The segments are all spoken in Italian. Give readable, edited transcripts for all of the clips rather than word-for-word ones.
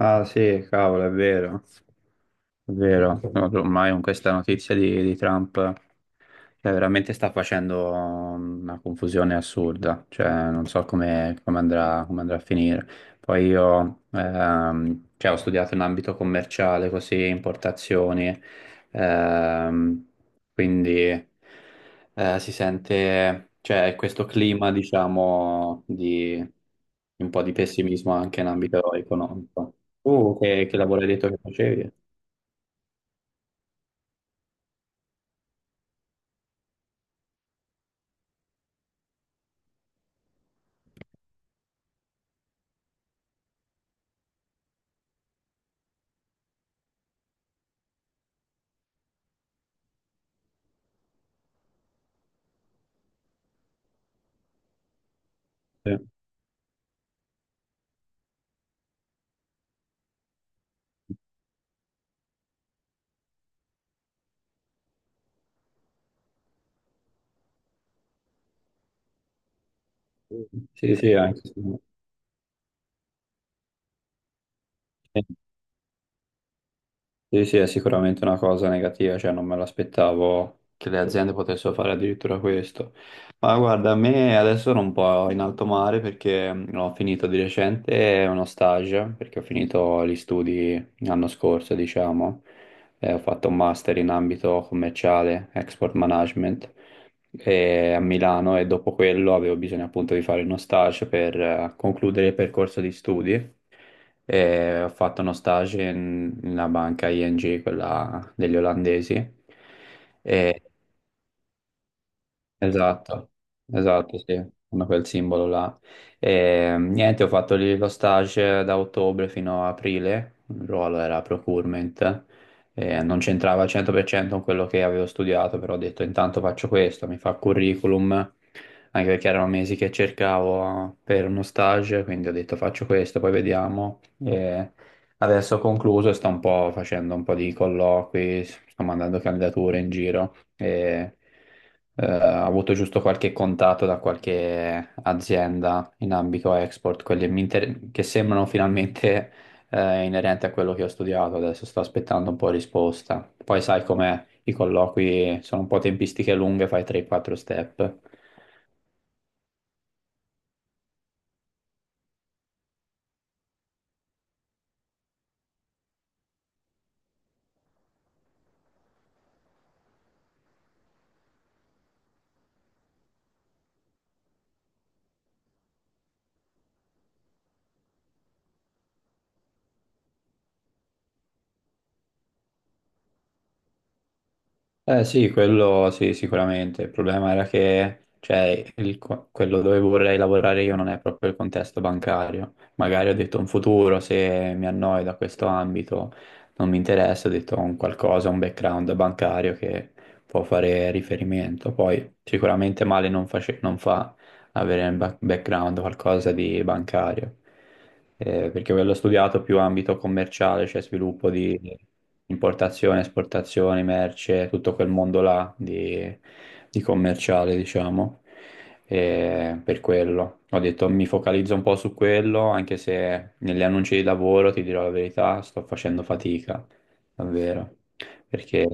Ah sì, cavolo, è vero, è vero. No, ormai con questa notizia di Trump, cioè, veramente sta facendo una confusione assurda, cioè non so come, come andrà a finire. Poi io cioè, ho studiato in ambito commerciale, così, importazioni, ehm, quindi si sente, cioè, questo clima, diciamo, di un po' di pessimismo anche in ambito economico. Tu che lavoro hai detto che facevi? Sì, sì, sì, anche. Sì. Sì, sì, è sicuramente una cosa negativa, cioè non me l'aspettavo che le aziende potessero fare addirittura questo. Ma guarda, a me adesso sono un po' in alto mare perché ho finito di recente uno stage, perché ho finito gli studi l'anno scorso, diciamo. Ho fatto un master in ambito commerciale, export management a Milano, e dopo quello avevo bisogno appunto di fare uno stage per concludere il percorso di studi, e ho fatto uno nella banca ING, quella degli olandesi. Mm. E, esatto, esatto, sì, hanno quel simbolo là. E, niente, ho fatto lì lo stage da ottobre fino a aprile, il ruolo era procurement, e non c'entrava al 100% con quello che avevo studiato, però ho detto intanto faccio questo, mi fa curriculum, anche perché erano mesi che cercavo per uno stage, quindi ho detto faccio questo, poi vediamo. E adesso ho concluso e sto un po' facendo un po' di colloqui, sto mandando candidature in giro e ho avuto giusto qualche contatto da qualche azienda in ambito export, che sembrano finalmente inerenti a quello che ho studiato. Adesso sto aspettando un po' risposta. Poi sai com'è, i colloqui sono un po' tempistiche lunghe, fai 3-4 step. Eh sì, quello sì, sicuramente. Il problema era che, cioè, quello dove vorrei lavorare io non è proprio il contesto bancario. Magari ho detto un futuro, se mi annoio da questo ambito, non mi interessa, ho detto un qualcosa, un background bancario che può fare riferimento. Poi sicuramente male non fa, avere un background, qualcosa di bancario. Perché quello studiato più ambito commerciale, cioè sviluppo di importazione, esportazioni, merce, tutto quel mondo là di commerciale, diciamo. Per quello ho detto mi focalizzo un po' su quello, anche se negli annunci di lavoro, ti dirò la verità, sto facendo fatica, davvero. Perché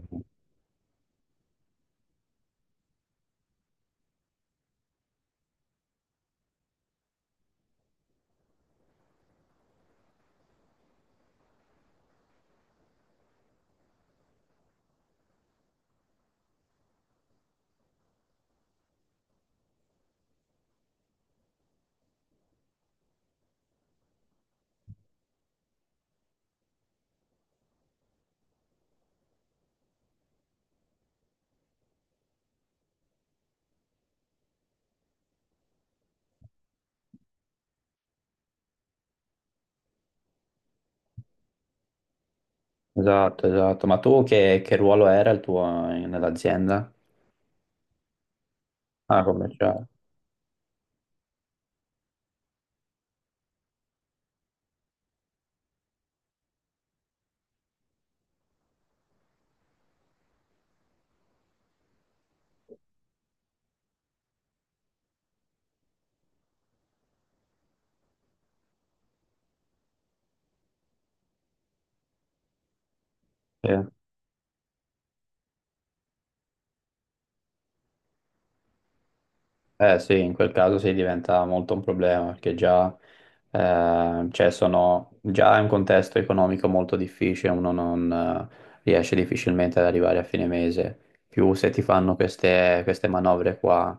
esatto, esatto. Ma tu che ruolo era il tuo nell'azienda? Ah, commerciale. Sì. Eh sì, in quel caso sì, diventa molto un problema perché già, cioè sono, già è un contesto economico molto difficile, uno non riesce difficilmente ad arrivare a fine mese. Più se ti fanno queste, queste manovre qua,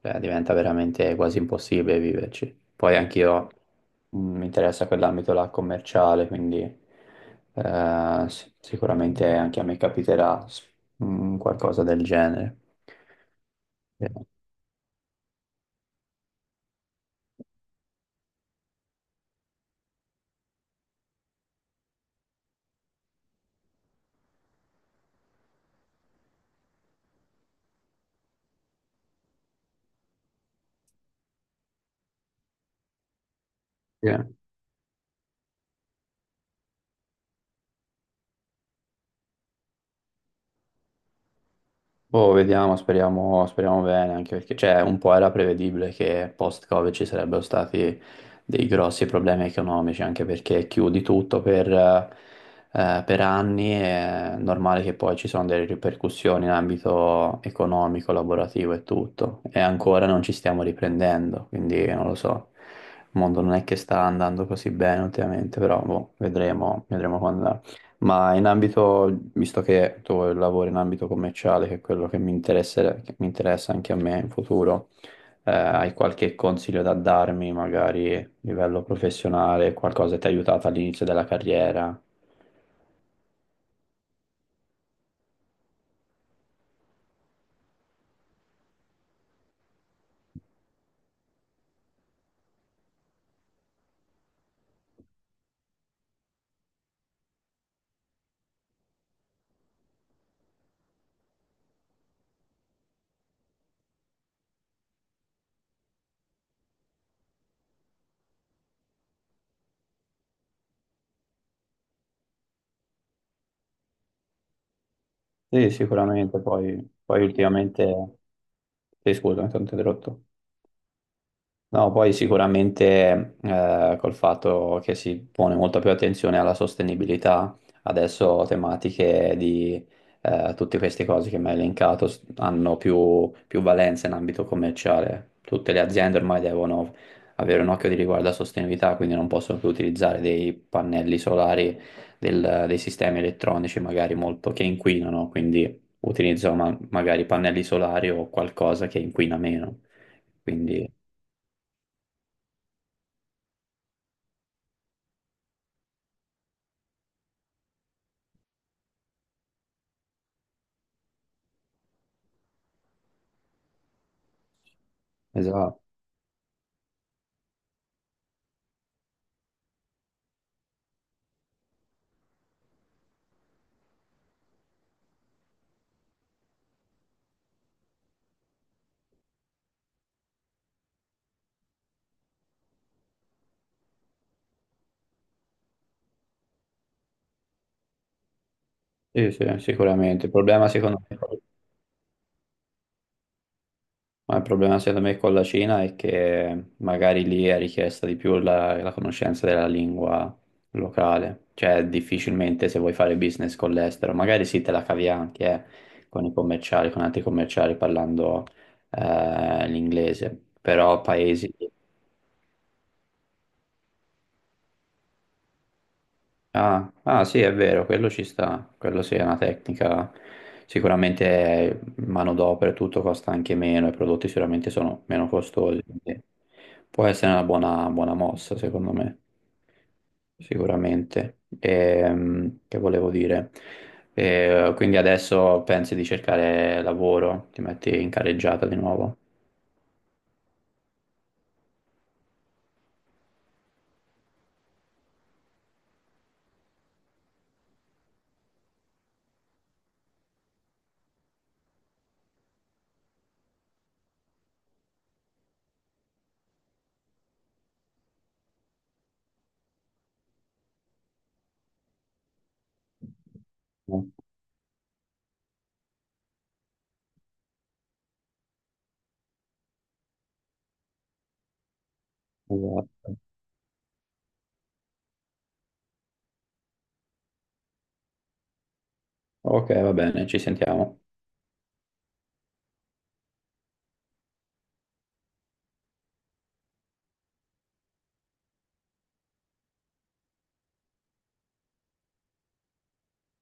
diventa veramente quasi impossibile viverci. Poi anch'io mi interessa quell'ambito là commerciale, quindi sì, sicuramente anche a me capiterà qualcosa del genere. Eh, sì. Boh, vediamo, speriamo, speriamo bene, anche perché cioè, un po' era prevedibile che post-Covid ci sarebbero stati dei grossi problemi economici, anche perché chiudi tutto per anni, è normale che poi ci sono delle ripercussioni in ambito economico, lavorativo e tutto, e ancora non ci stiamo riprendendo, quindi non lo so, il mondo non è che sta andando così bene ultimamente, però boh, vedremo, vedremo quando ma in ambito, visto che tu lavori in ambito commerciale, che è quello che mi interessa anche a me in futuro, hai qualche consiglio da darmi, magari a livello professionale, qualcosa che ti ha aiutato all'inizio della carriera? Sì, sicuramente, poi, poi ultimamente... Sì, scusa, mi sono interrotto. No, poi sicuramente col fatto che si pone molta più attenzione alla sostenibilità, adesso tematiche di tutte queste cose che mi hai hanno più, più valenza in ambito commerciale. Tutte le aziende ormai devono avere un occhio di riguardo alla sostenibilità, quindi non possono più utilizzare dei pannelli solari, dei sistemi elettronici magari molto che inquinano, quindi utilizzano magari pannelli solari o qualcosa che inquina meno. Quindi, esatto. Sì, sì, sicuramente. Il problema secondo me, ma il problema secondo me con la Cina è che magari lì è richiesta di più la, la conoscenza della lingua locale, cioè difficilmente se vuoi fare business con l'estero, magari sì te la cavi anche con i commerciali, con altri commerciali parlando l'inglese, però paesi. Ah, ah, sì, è vero, quello ci sta, quello sì è una tecnica, sicuramente manodopera e tutto costa anche meno, i prodotti sicuramente sono meno costosi, quindi può essere una buona, buona mossa secondo me, sicuramente. Che volevo dire? Quindi adesso pensi di cercare lavoro, ti metti in carreggiata di nuovo? Mm. Esatto. Ok, va bene, ci sentiamo.